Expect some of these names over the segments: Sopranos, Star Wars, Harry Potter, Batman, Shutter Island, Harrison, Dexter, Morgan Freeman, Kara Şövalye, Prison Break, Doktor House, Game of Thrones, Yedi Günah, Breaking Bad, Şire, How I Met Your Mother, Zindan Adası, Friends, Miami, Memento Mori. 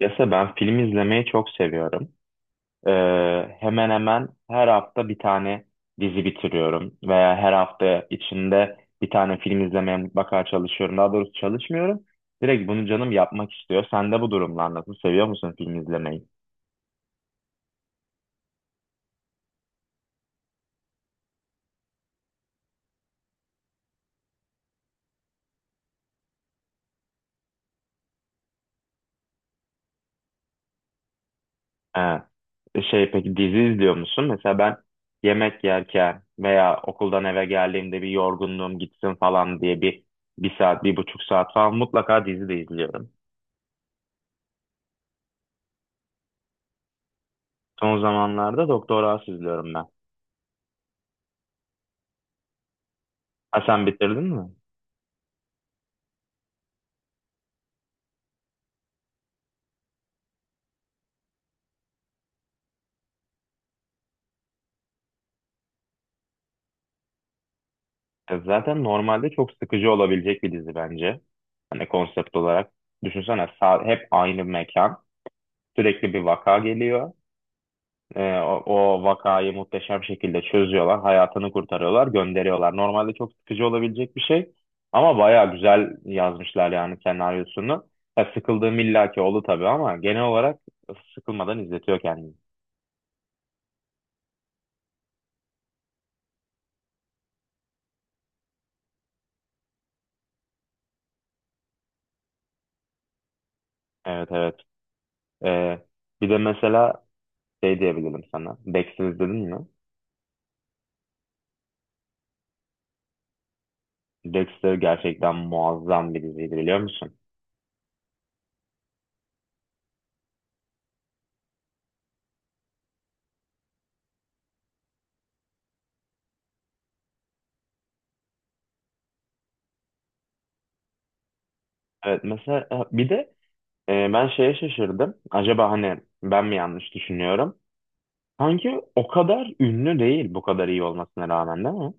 Yasa ben film izlemeyi çok seviyorum. Ee, Hemen hemen her hafta bir tane dizi bitiriyorum veya her hafta içinde bir tane film izlemeye mutlaka çalışıyorum. Daha doğrusu çalışmıyorum. Direkt bunu canım yapmak istiyor. Sen de bu durumlar nasıl? Seviyor musun film izlemeyi? Ha. Şey peki dizi izliyor musun? Mesela ben yemek yerken veya okuldan eve geldiğimde bir yorgunluğum gitsin falan diye bir saat, bir buçuk saat falan mutlaka dizi de izliyorum. Son zamanlarda Doktor House izliyorum ben. Ha, sen bitirdin mi? Zaten normalde çok sıkıcı olabilecek bir dizi bence. Hani konsept olarak. Düşünsene hep aynı mekan. Sürekli bir vaka geliyor. O vakayı muhteşem şekilde çözüyorlar. Hayatını kurtarıyorlar, gönderiyorlar. Normalde çok sıkıcı olabilecek bir şey. Ama baya güzel yazmışlar yani senaryosunu. Ya, sıkıldığım illaki oldu tabii ama genel olarak sıkılmadan izletiyor kendini. Evet, evet. E, bir de mesela şey diyebilirim sana. Dexter izledin mi? Dexter gerçekten muazzam bir diziydi biliyor musun? Evet, mesela bir de ben şeye şaşırdım. Acaba hani ben mi yanlış düşünüyorum? Sanki o kadar ünlü değil bu kadar iyi olmasına rağmen, değil mi?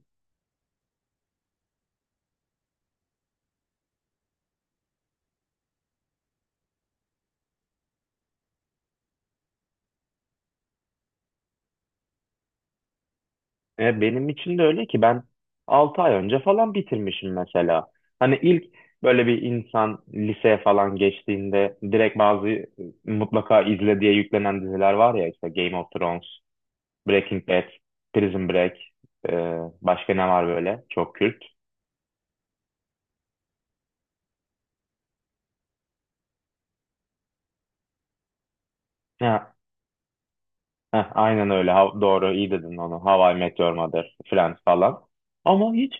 Benim için de öyle ki ben 6 ay önce falan bitirmişim mesela. Hani ilk böyle bir insan liseye falan geçtiğinde direkt bazı mutlaka izle diye yüklenen diziler var ya, işte Game of Thrones, Breaking Bad, Prison Break, e, başka ne var böyle çok kült. Ha, ha, aynen öyle. Doğru, iyi dedin onu. How I Met Your Mother, Friends falan. Ama hiç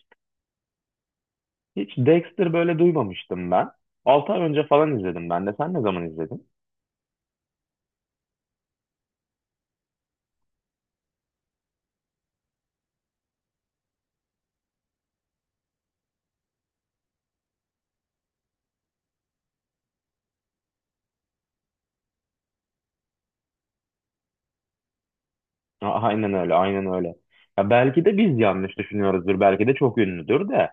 hiç Dexter böyle duymamıştım ben. 6 ay önce falan izledim ben de. Sen ne zaman izledin? Aynen öyle, aynen öyle. Ya belki de biz yanlış düşünüyoruzdur. Belki de çok ünlüdür de.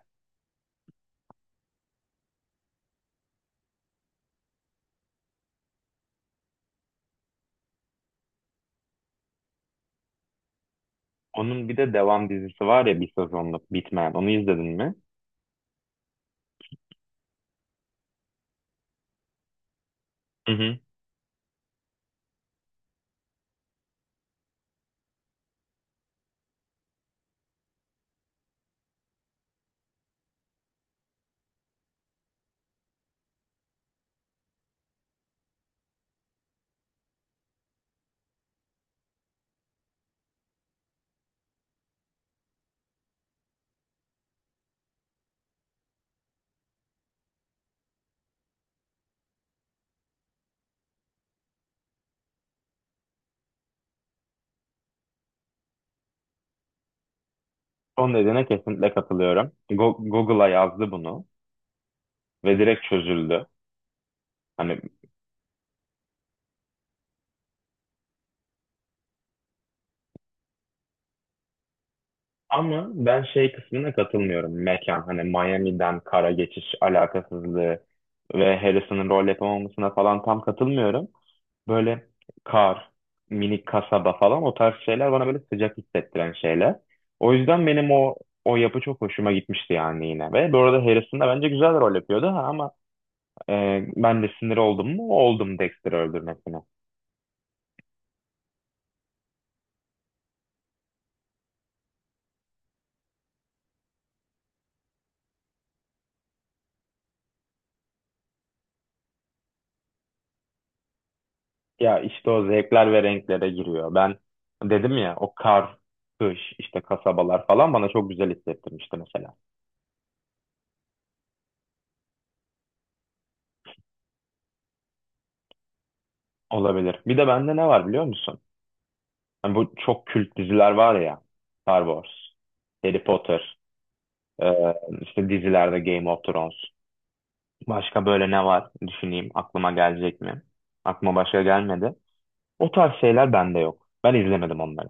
Onun bir de devam dizisi var ya, bir sezonluk bitmeyen. Onu izledin mi? Hı hı. Son dediğine kesinlikle katılıyorum. Google'a yazdı bunu ve direkt çözüldü. Hani, ama ben şey kısmına katılmıyorum. Mekan hani Miami'den kara geçiş alakasızlığı ve Harrison'ın rol yapamamasına falan tam katılmıyorum. Böyle kar, minik kasaba falan, o tarz şeyler bana böyle sıcak hissettiren şeyler. O yüzden benim o yapı çok hoşuma gitmişti yani, yine. Ve bu arada Harrison da bence güzel rol yapıyordu ha, ama e, ben de sinir oldum mu? Oldum, Dexter'ı öldürmesine. Ya, işte o zevkler ve renklere giriyor. Ben dedim ya, o kar, kış, işte kasabalar falan bana çok güzel hissettirmişti mesela. Olabilir. Bir de bende ne var biliyor musun? Hani bu çok kült diziler var ya. Star Wars, Harry Potter, e, işte dizilerde Game of Thrones. Başka böyle ne var? Düşüneyim, aklıma gelecek mi? Aklıma başka gelmedi. O tarz şeyler bende yok. Ben izlemedim onları.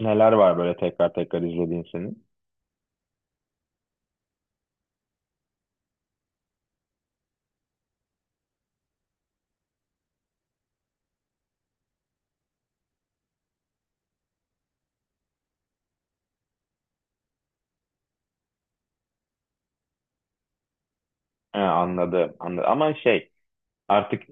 Neler var böyle tekrar tekrar izlediğin senin? He, anladım, anladım. Ama şey... Artık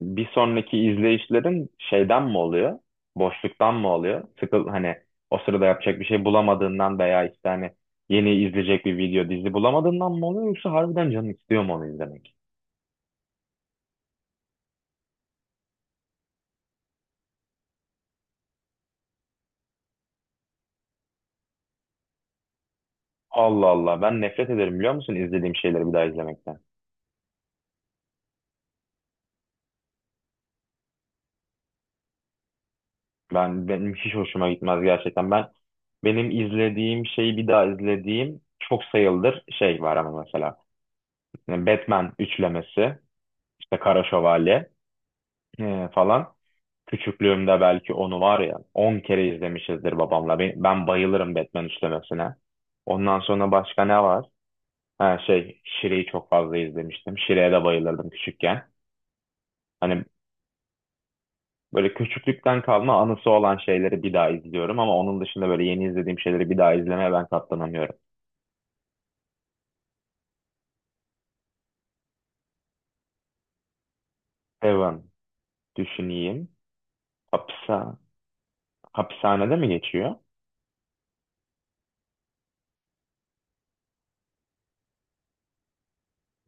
bir sonraki izleyişlerin şeyden mi oluyor? Boşluktan mı oluyor? Hani o sırada yapacak bir şey bulamadığından veya işte hani yeni izleyecek bir video dizi bulamadığından mı oluyor, yoksa harbiden canın istiyor mu onu izlemek? Allah Allah, ben nefret ederim biliyor musun izlediğim şeyleri bir daha izlemekten. Benim hiç hoşuma gitmez gerçekten. Benim izlediğim şeyi bir daha izlediğim çok sayılır şey var ama mesela, yani Batman üçlemesi, işte Kara Şövalye falan. Küçüklüğümde belki onu var ya 10 kere izlemişizdir babamla. Ben bayılırım Batman üçlemesine. Ondan sonra başka ne var? Ha şey, Şire'yi çok fazla izlemiştim. Şire'ye de bayılırdım küçükken. Hani böyle küçüklükten kalma anısı olan şeyleri bir daha izliyorum ama onun dışında böyle yeni izlediğim şeyleri bir daha izlemeye ben katlanamıyorum. Evan, düşüneyim. Hapsa, hapishanede mi geçiyor?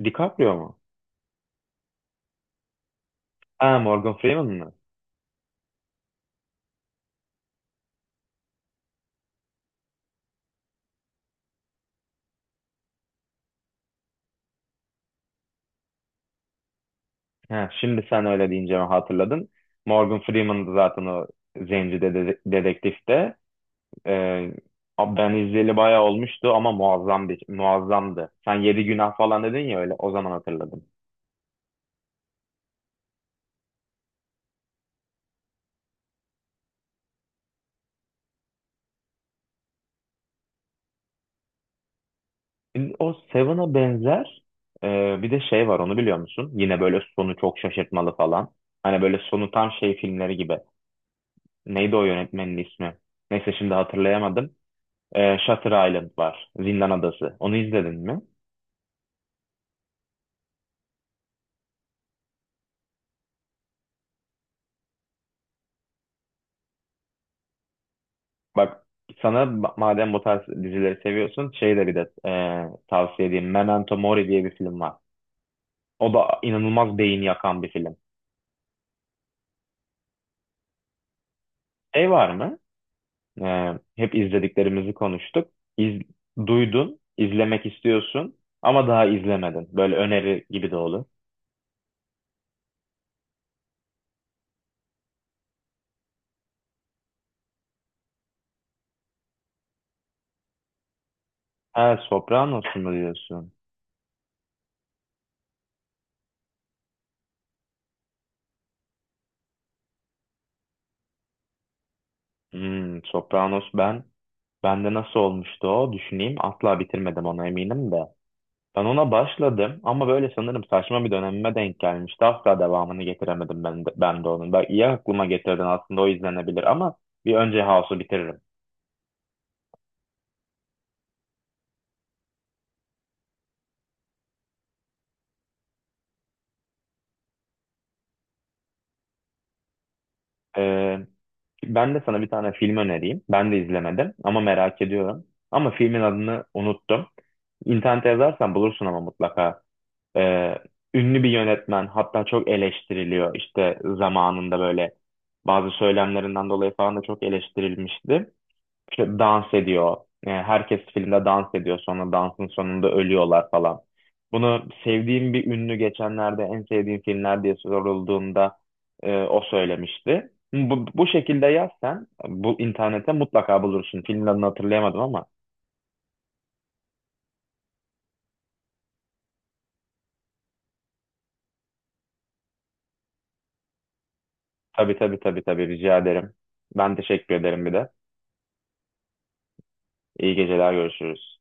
DiCaprio mu? Ha, Morgan Freeman mı? He, şimdi sen öyle deyince mi hatırladın. Morgan Freeman'dı zaten o zenci dedektifte. Ee, abi ben izleyeli bayağı olmuştu ama muazzamdı. Sen Yedi Günah falan dedin ya, öyle o zaman hatırladım. O Seven'a benzer, bir de şey var, onu biliyor musun? Yine böyle sonu çok şaşırtmalı falan. Hani böyle sonu tam şey filmleri gibi. Neydi o yönetmenin ismi? Neyse, şimdi hatırlayamadım. Shutter Island var. Zindan Adası. Onu izledin mi? Bak, sana madem bu tarz dizileri seviyorsun şey de, bir de tavsiye edeyim. Memento Mori diye bir film var. O da inanılmaz beyin yakan bir film. Şey var mı? E, hep izlediklerimizi konuştuk. İz, duydun, izlemek istiyorsun ama daha izlemedin. Böyle öneri gibi de olur. Ha, Sopranos mu diyorsun? Sopranos bende nasıl olmuştu o? Düşüneyim. Asla bitirmedim ona, eminim de. Ben ona başladım ama böyle sanırım saçma bir dönemime denk gelmişti. Asla devamını getiremedim ben de, onun. Bak, iyi aklıma getirdin, aslında o izlenebilir ama bir önce House'u bitiririm. Ee, ben de sana bir tane film önereyim. Ben de izlemedim ama merak ediyorum. Ama filmin adını unuttum. İnternete yazarsan bulursun ama mutlaka. Ee, ünlü bir yönetmen, hatta çok eleştiriliyor. İşte zamanında böyle bazı söylemlerinden dolayı falan da çok eleştirilmişti. İşte dans ediyor. Yani herkes filmde dans ediyor. Sonra dansın sonunda ölüyorlar falan. Bunu sevdiğim bir ünlü geçenlerde en sevdiğim filmler diye sorulduğunda o söylemişti. Bu şekilde yazsan bu internete mutlaka bulursun. Filmin adını hatırlayamadım ama. Tabii, tabii, tabii, tabii, rica ederim. Ben teşekkür ederim bir de. İyi geceler, görüşürüz.